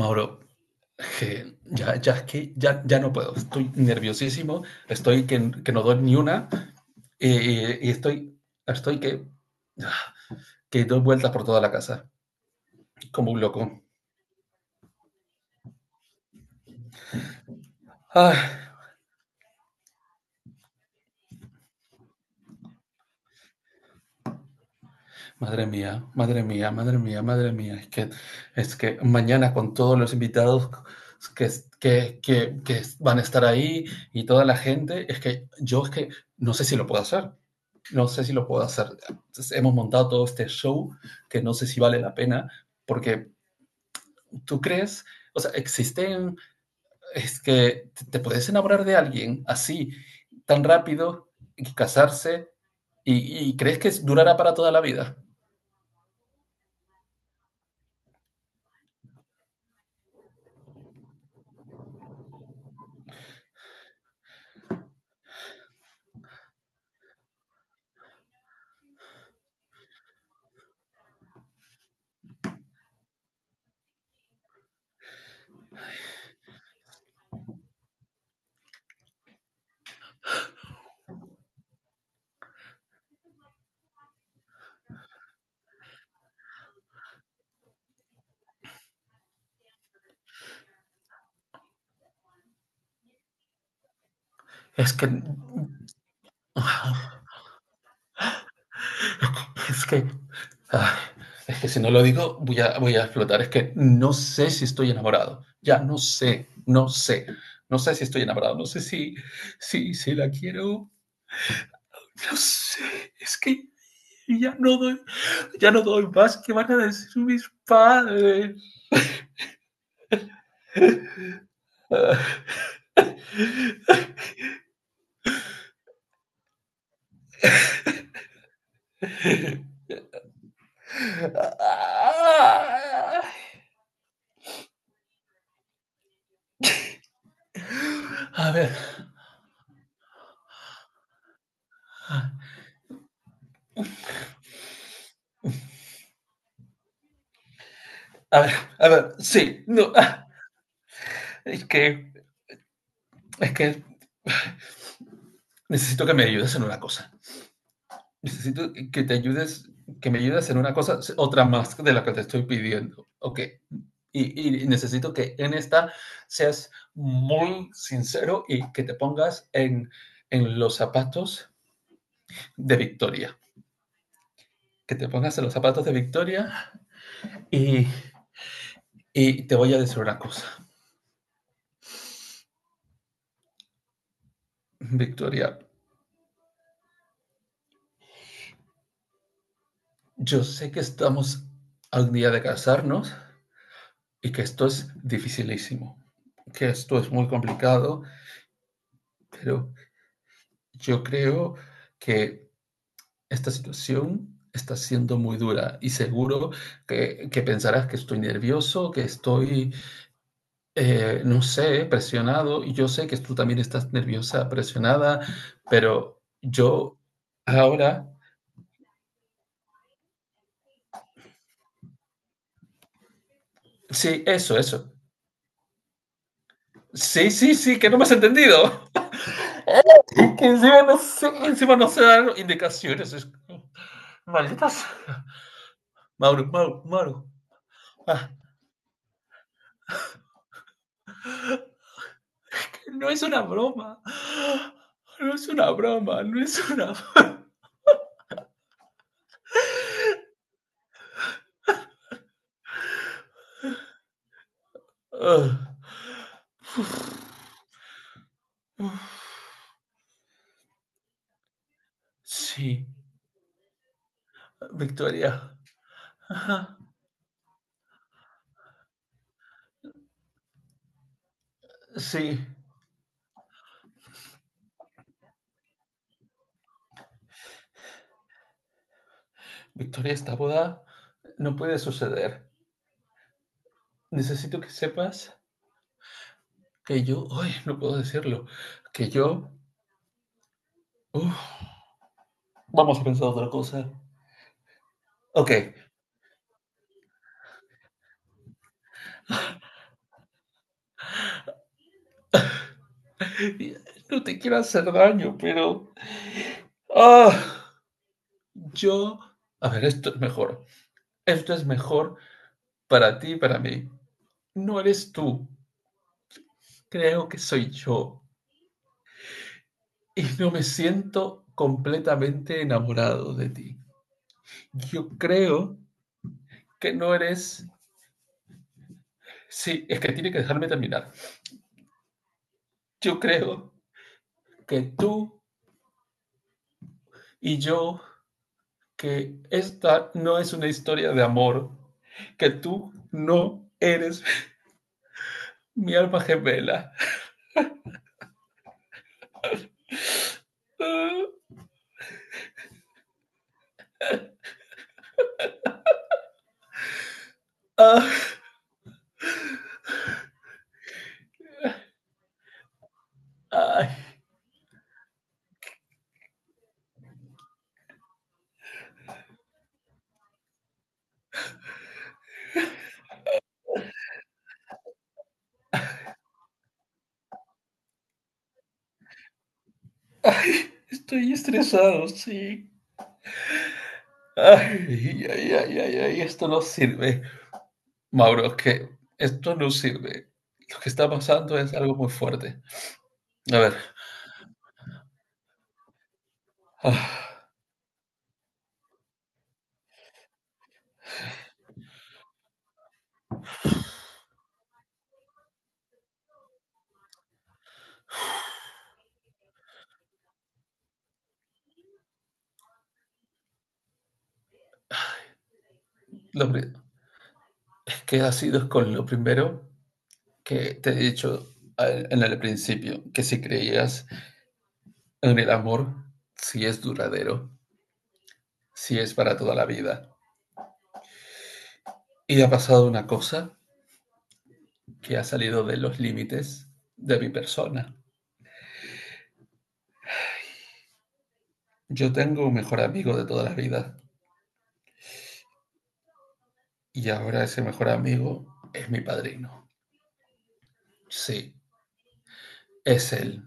Mauro, je, ya, ya, es que ya no puedo. Estoy nerviosísimo, estoy que no doy ni una y estoy que doy vueltas por toda la casa, como un loco. Ay, madre mía, madre mía, madre mía, madre mía. Es que mañana con todos los invitados que, que van a estar ahí y toda la gente, es que yo es que no sé si lo puedo hacer. Entonces, hemos montado todo este show que no sé si vale la pena, porque tú crees, o sea, existen, es que te, puedes enamorar de alguien así, tan rápido, y casarse, y crees que durará para toda la vida. Es que, es que, ah, es que si no lo digo, voy a explotar. Es que no sé si estoy enamorado. Ya, no sé, no sé. No sé si estoy enamorado, no sé si, si la quiero. No sé, es que ya no doy, ya no doy más. ¿Qué van a decir mis padres? A ver, a ver, a ver, sí, no, es que, es que necesito que me ayudes en una cosa. Necesito que te ayudes, que me ayudes en una cosa, otra más de la que te estoy pidiendo. Ok. Y necesito que en esta seas muy sincero y que te pongas en los zapatos de Victoria. Que te pongas en los zapatos de Victoria y, y te voy a decir una cosa. Victoria, yo sé que estamos al día de casarnos y que esto es dificilísimo, que esto es muy complicado, pero yo creo que esta situación está siendo muy dura y seguro que pensarás que estoy nervioso, que estoy no sé, presionado. Y yo sé que tú también estás nerviosa, presionada, pero yo ahora... Sí, eso, eso. Sí, sí, sí, que no me has entendido. Que encima no sé dar indicaciones. Malditas. Mauro, Mauro, Mauro. Ah, que no es una broma. No es una broma, no es una... Ah. Uf, uf. Sí, Victoria. Ajá, sí. Victoria, esta boda no puede suceder. Necesito que sepas que yo, ay, no puedo decirlo, que yo, uf, vamos a pensar otra cosa. Ok, no te quiero hacer daño, pero ah, yo, a ver, esto es mejor. Esto es mejor para ti y para mí. No eres tú, creo que soy yo. Y no me siento completamente enamorado de ti. Yo creo que no eres... Sí, es que tiene que dejarme terminar. Yo creo que tú y yo, que esta no es una historia de amor, que tú no eres mi alma gemela. Ah, ah, ay, ay, estoy estresado, sí. Ay, ay, ay, ay, ay, esto no sirve. Mauro, que esto no sirve. Lo que está pasando es algo muy fuerte. A ver, ah, lo pri- es que ha sido con lo primero que te he dicho en el principio, que si creías en el amor, si es duradero, si es para toda la vida. Y ha pasado una cosa que ha salido de los límites de mi persona. Yo tengo un mejor amigo de toda la vida y ahora ese mejor amigo es mi padrino. Sí, es él.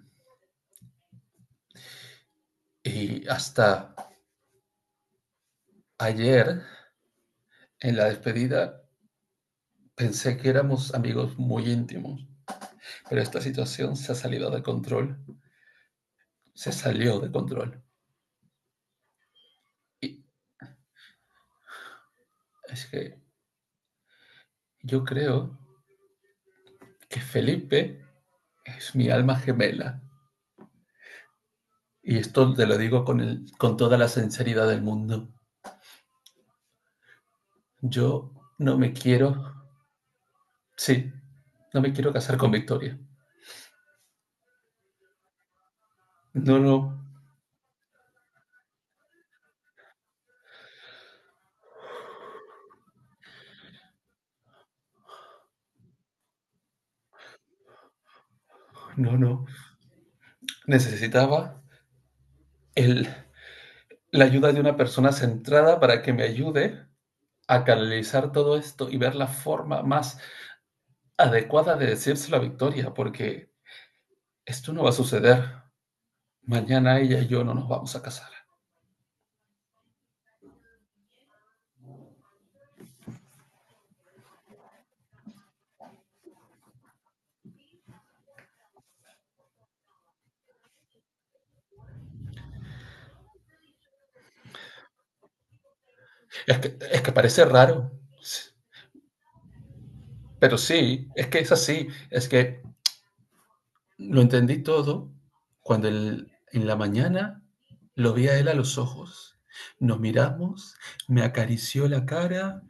Y hasta ayer, en la despedida, pensé que éramos amigos muy íntimos, pero esta situación se ha salido de control, se salió de control. Y es que yo creo que Felipe es mi alma gemela. Y esto te lo digo con, el, con toda la sinceridad del mundo. Yo no me quiero, sí, no me quiero casar con Victoria. No, no, no, no. Necesitaba el, la ayuda de una persona centrada para que me ayude a canalizar todo esto y ver la forma más adecuada de decírselo a Victoria, porque esto no va a suceder. Mañana ella y yo no nos vamos a casar. Es que parece raro, pero sí, es que es así. Es que lo entendí todo cuando en la mañana lo vi a él a los ojos. Nos miramos, me acarició la cara,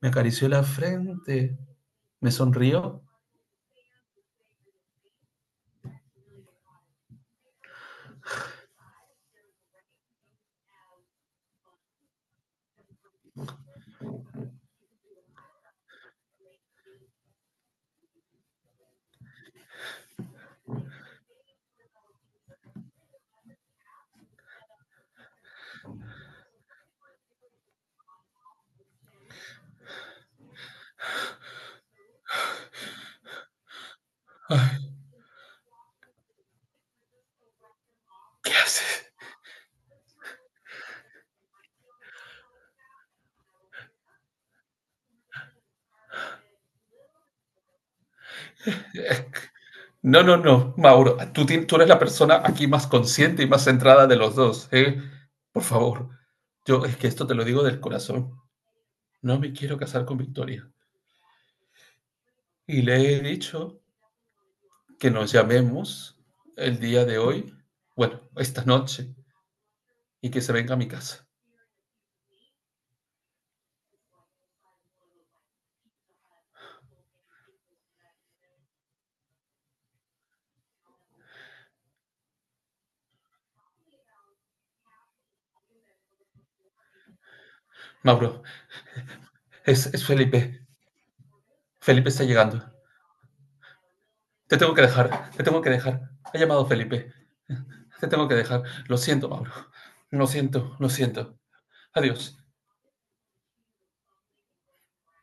me acarició la frente, me sonrió. ¿Qué haces? Es que- No, no, no, Mauro, tú, tú eres la persona aquí más consciente y más centrada de los dos, ¿eh? Por favor, yo es que esto te lo digo del corazón. No me quiero casar con Victoria. Y le he dicho que nos llamemos el día de hoy, bueno, esta noche, y que se venga a mi casa. Mauro, es Felipe. Felipe está llegando. Te tengo que dejar. Ha llamado Felipe. Te tengo que dejar. Lo siento, Mauro. Lo siento, lo siento. Adiós.